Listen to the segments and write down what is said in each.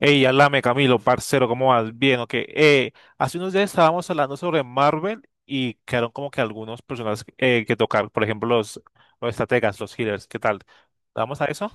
Ey, alame Camilo, parcero, ¿cómo vas? Bien, ok. Hace unos días estábamos hablando sobre Marvel y quedaron como que algunos personajes que tocar, por ejemplo, los estrategas, los healers, ¿qué tal? ¿Vamos a eso?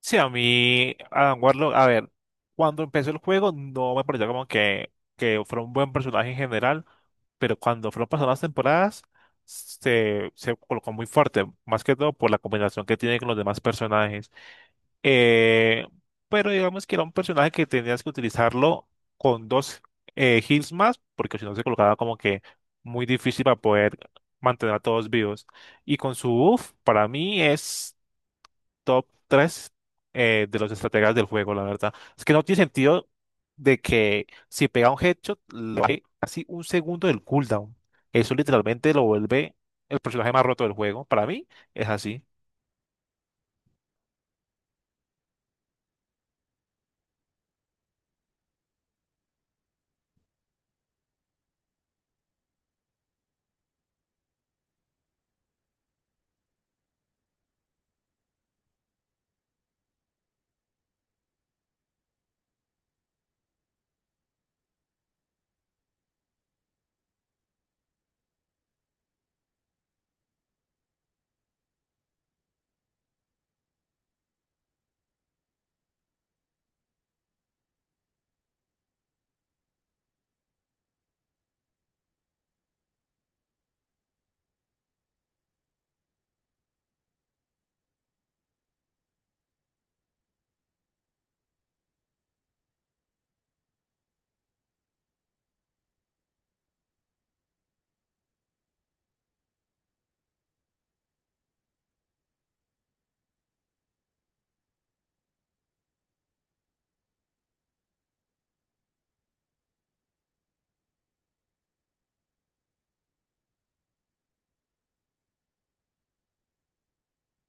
Sí, a mí, Adam Warlock, a ver, cuando empezó el juego no me pareció como que fuera un buen personaje en general, pero cuando fueron pasando las temporadas se colocó muy fuerte, más que todo por la combinación que tiene con los demás personajes. Eh, pero digamos que era un personaje que tenías que utilizarlo con dos heals más, porque si no se colocaba como que muy difícil para poder mantener a todos vivos. Y con su buff, para mí es top 3 de los estrategas del juego, la verdad. Es que no tiene sentido de que si pega un headshot, le baje casi un segundo del cooldown. Eso literalmente lo vuelve el personaje más roto del juego. Para mí es así.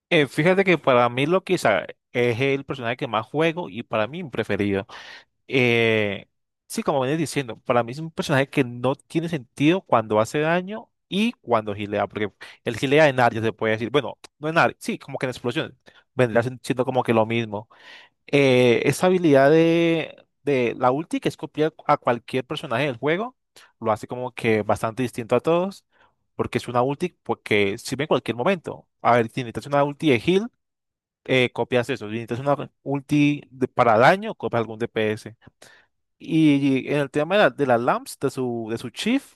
Fíjate que para mí Loki o sea, es el personaje que más juego y para mí mi preferido. Eh, sí, como venía diciendo, para mí es un personaje que no tiene sentido cuando hace daño y cuando gilea, porque el gilea en área se puede decir, bueno, no en área, sí, como que en explosiones, vendría siendo como que lo mismo. Esa habilidad de la ulti, que es copiar a cualquier personaje del juego, lo hace como que bastante distinto a todos, porque es una ulti porque sirve en cualquier momento. A ver, si necesitas una ulti de heal, copias eso, si necesitas una ulti para daño, copias algún DPS. Y en el tema de las lamps, de su Chief,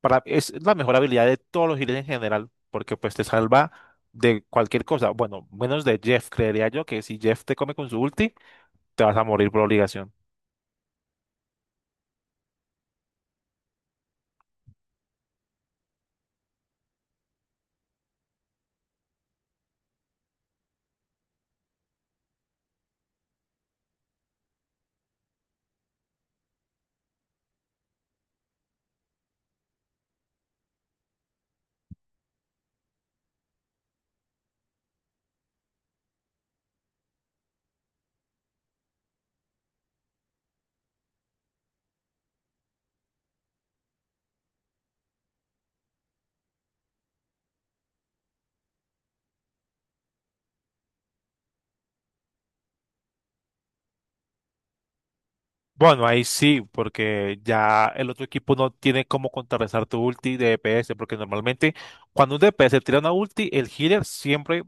para, es la mejor habilidad de todos los healers en general, porque pues te salva de cualquier cosa. Bueno, menos de Jeff, creería yo que si Jeff te come con su ulti, te vas a morir por obligación. Bueno, ahí sí, porque ya el otro equipo no tiene cómo contrarrestar tu ulti de DPS, porque normalmente cuando un DPS tira una ulti, el healer siempre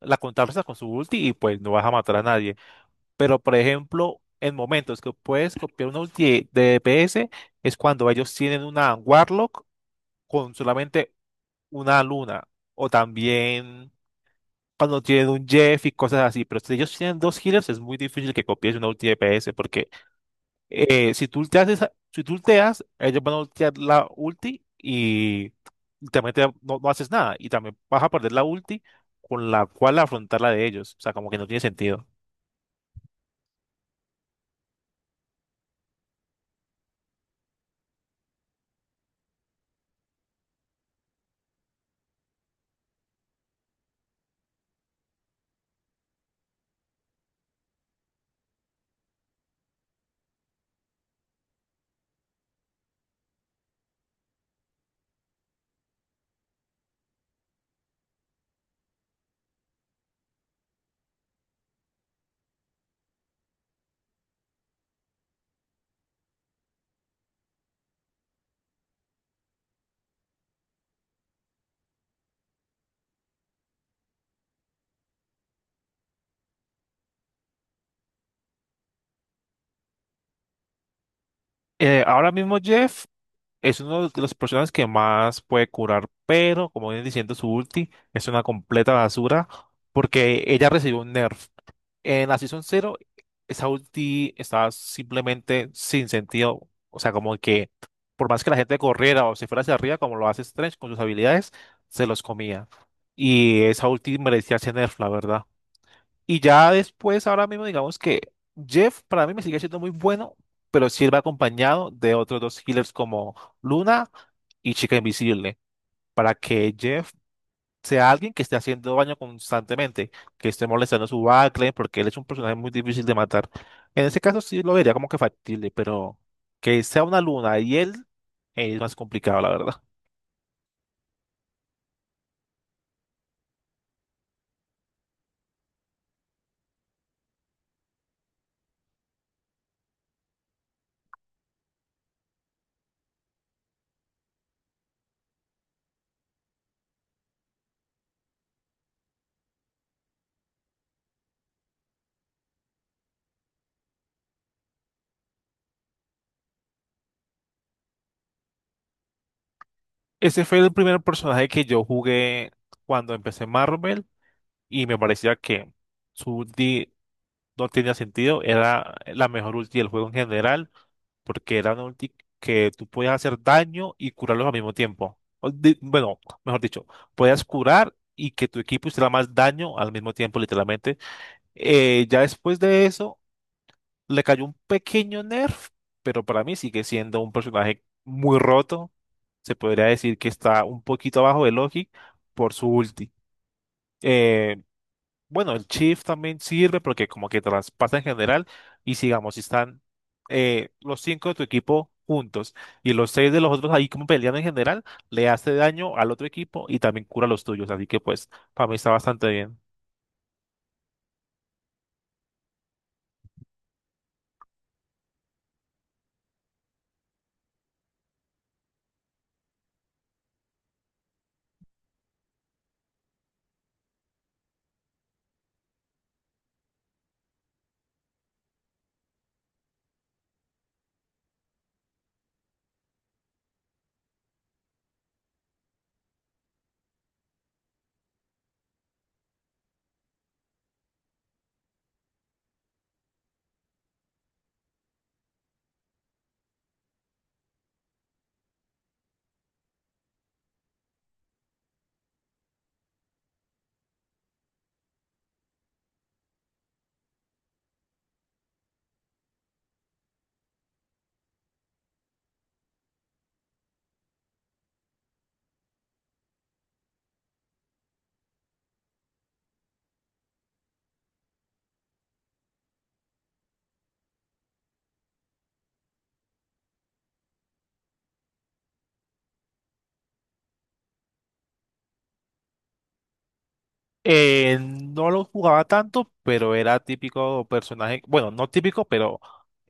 la contrarresta con su ulti y pues no vas a matar a nadie. Pero, por ejemplo, en momentos que puedes copiar una ulti de DPS es cuando ellos tienen una Warlock con solamente una luna. O también cuando tienen un Jeff y cosas así. Pero si ellos tienen dos healers, es muy difícil que copies una ulti de DPS porque si tú ulteas, si tú ulteas, ellos van a ultear la ulti y también no, no haces nada. Y también vas a perder la ulti con la cual afrontar la de ellos. O sea, como que no tiene sentido. Ahora mismo, Jeff, es uno de los personajes que más puede curar, pero como vienen diciendo, su ulti es una completa basura porque ella recibió un nerf. En la Season 0, esa ulti estaba simplemente sin sentido. O sea, como que por más que la gente corriera o se fuera hacia arriba, como lo hace Strange con sus habilidades, se los comía. Y esa ulti merecía ese nerf, la verdad. Y ya después, ahora mismo, digamos que Jeff para mí me sigue siendo muy bueno, pero sí él va acompañado de otros dos healers como Luna y Chica Invisible, para que Jeff sea alguien que esté haciendo daño constantemente, que esté molestando a su backline, porque él es un personaje muy difícil de matar. En ese caso sí lo vería como que factible, pero que sea una Luna y él es más complicado, la verdad. Ese fue el primer personaje que yo jugué cuando empecé Marvel y me parecía que... Su, no tenía sentido, era la mejor ulti del juego en general, porque era una ulti que tú podías hacer daño y curarlos al mismo tiempo. Bueno, mejor dicho, podías curar y que tu equipo hiciera más daño al mismo tiempo, literalmente. Ya después de eso, le cayó un pequeño nerf, pero para mí sigue siendo un personaje muy roto. Se podría decir que está un poquito abajo de Loki por su ulti. Eh, bueno, el shift también sirve porque como que traspasa en general y sigamos, si están los cinco de tu equipo juntos y los seis de los otros ahí como peleando en general, le hace daño al otro equipo y también cura los tuyos, así que pues para mí está bastante bien. No lo jugaba tanto, pero era típico personaje, bueno, no típico, pero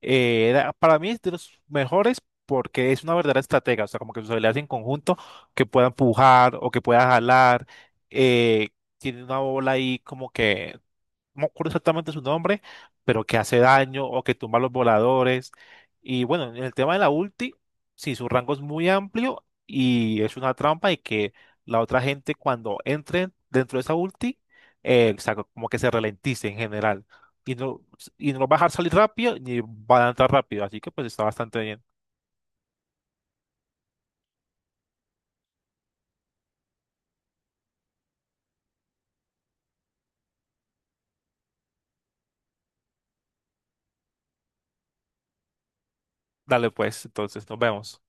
era para mí es de los mejores porque es una verdadera estratega, o sea, como que sus habilidades en conjunto que pueda empujar o que pueda jalar, eh, tiene una bola ahí como que no me acuerdo exactamente su nombre, pero que hace daño o que tumba los voladores. Y bueno, en el tema de la ulti, sí, su rango es muy amplio y es una trampa y que la otra gente cuando entre dentro de esa ulti, o sea, como que se ralentice en general. Y no, y no va a dejar salir rápido ni va a entrar rápido, así que pues está bastante bien. Dale pues, entonces nos vemos.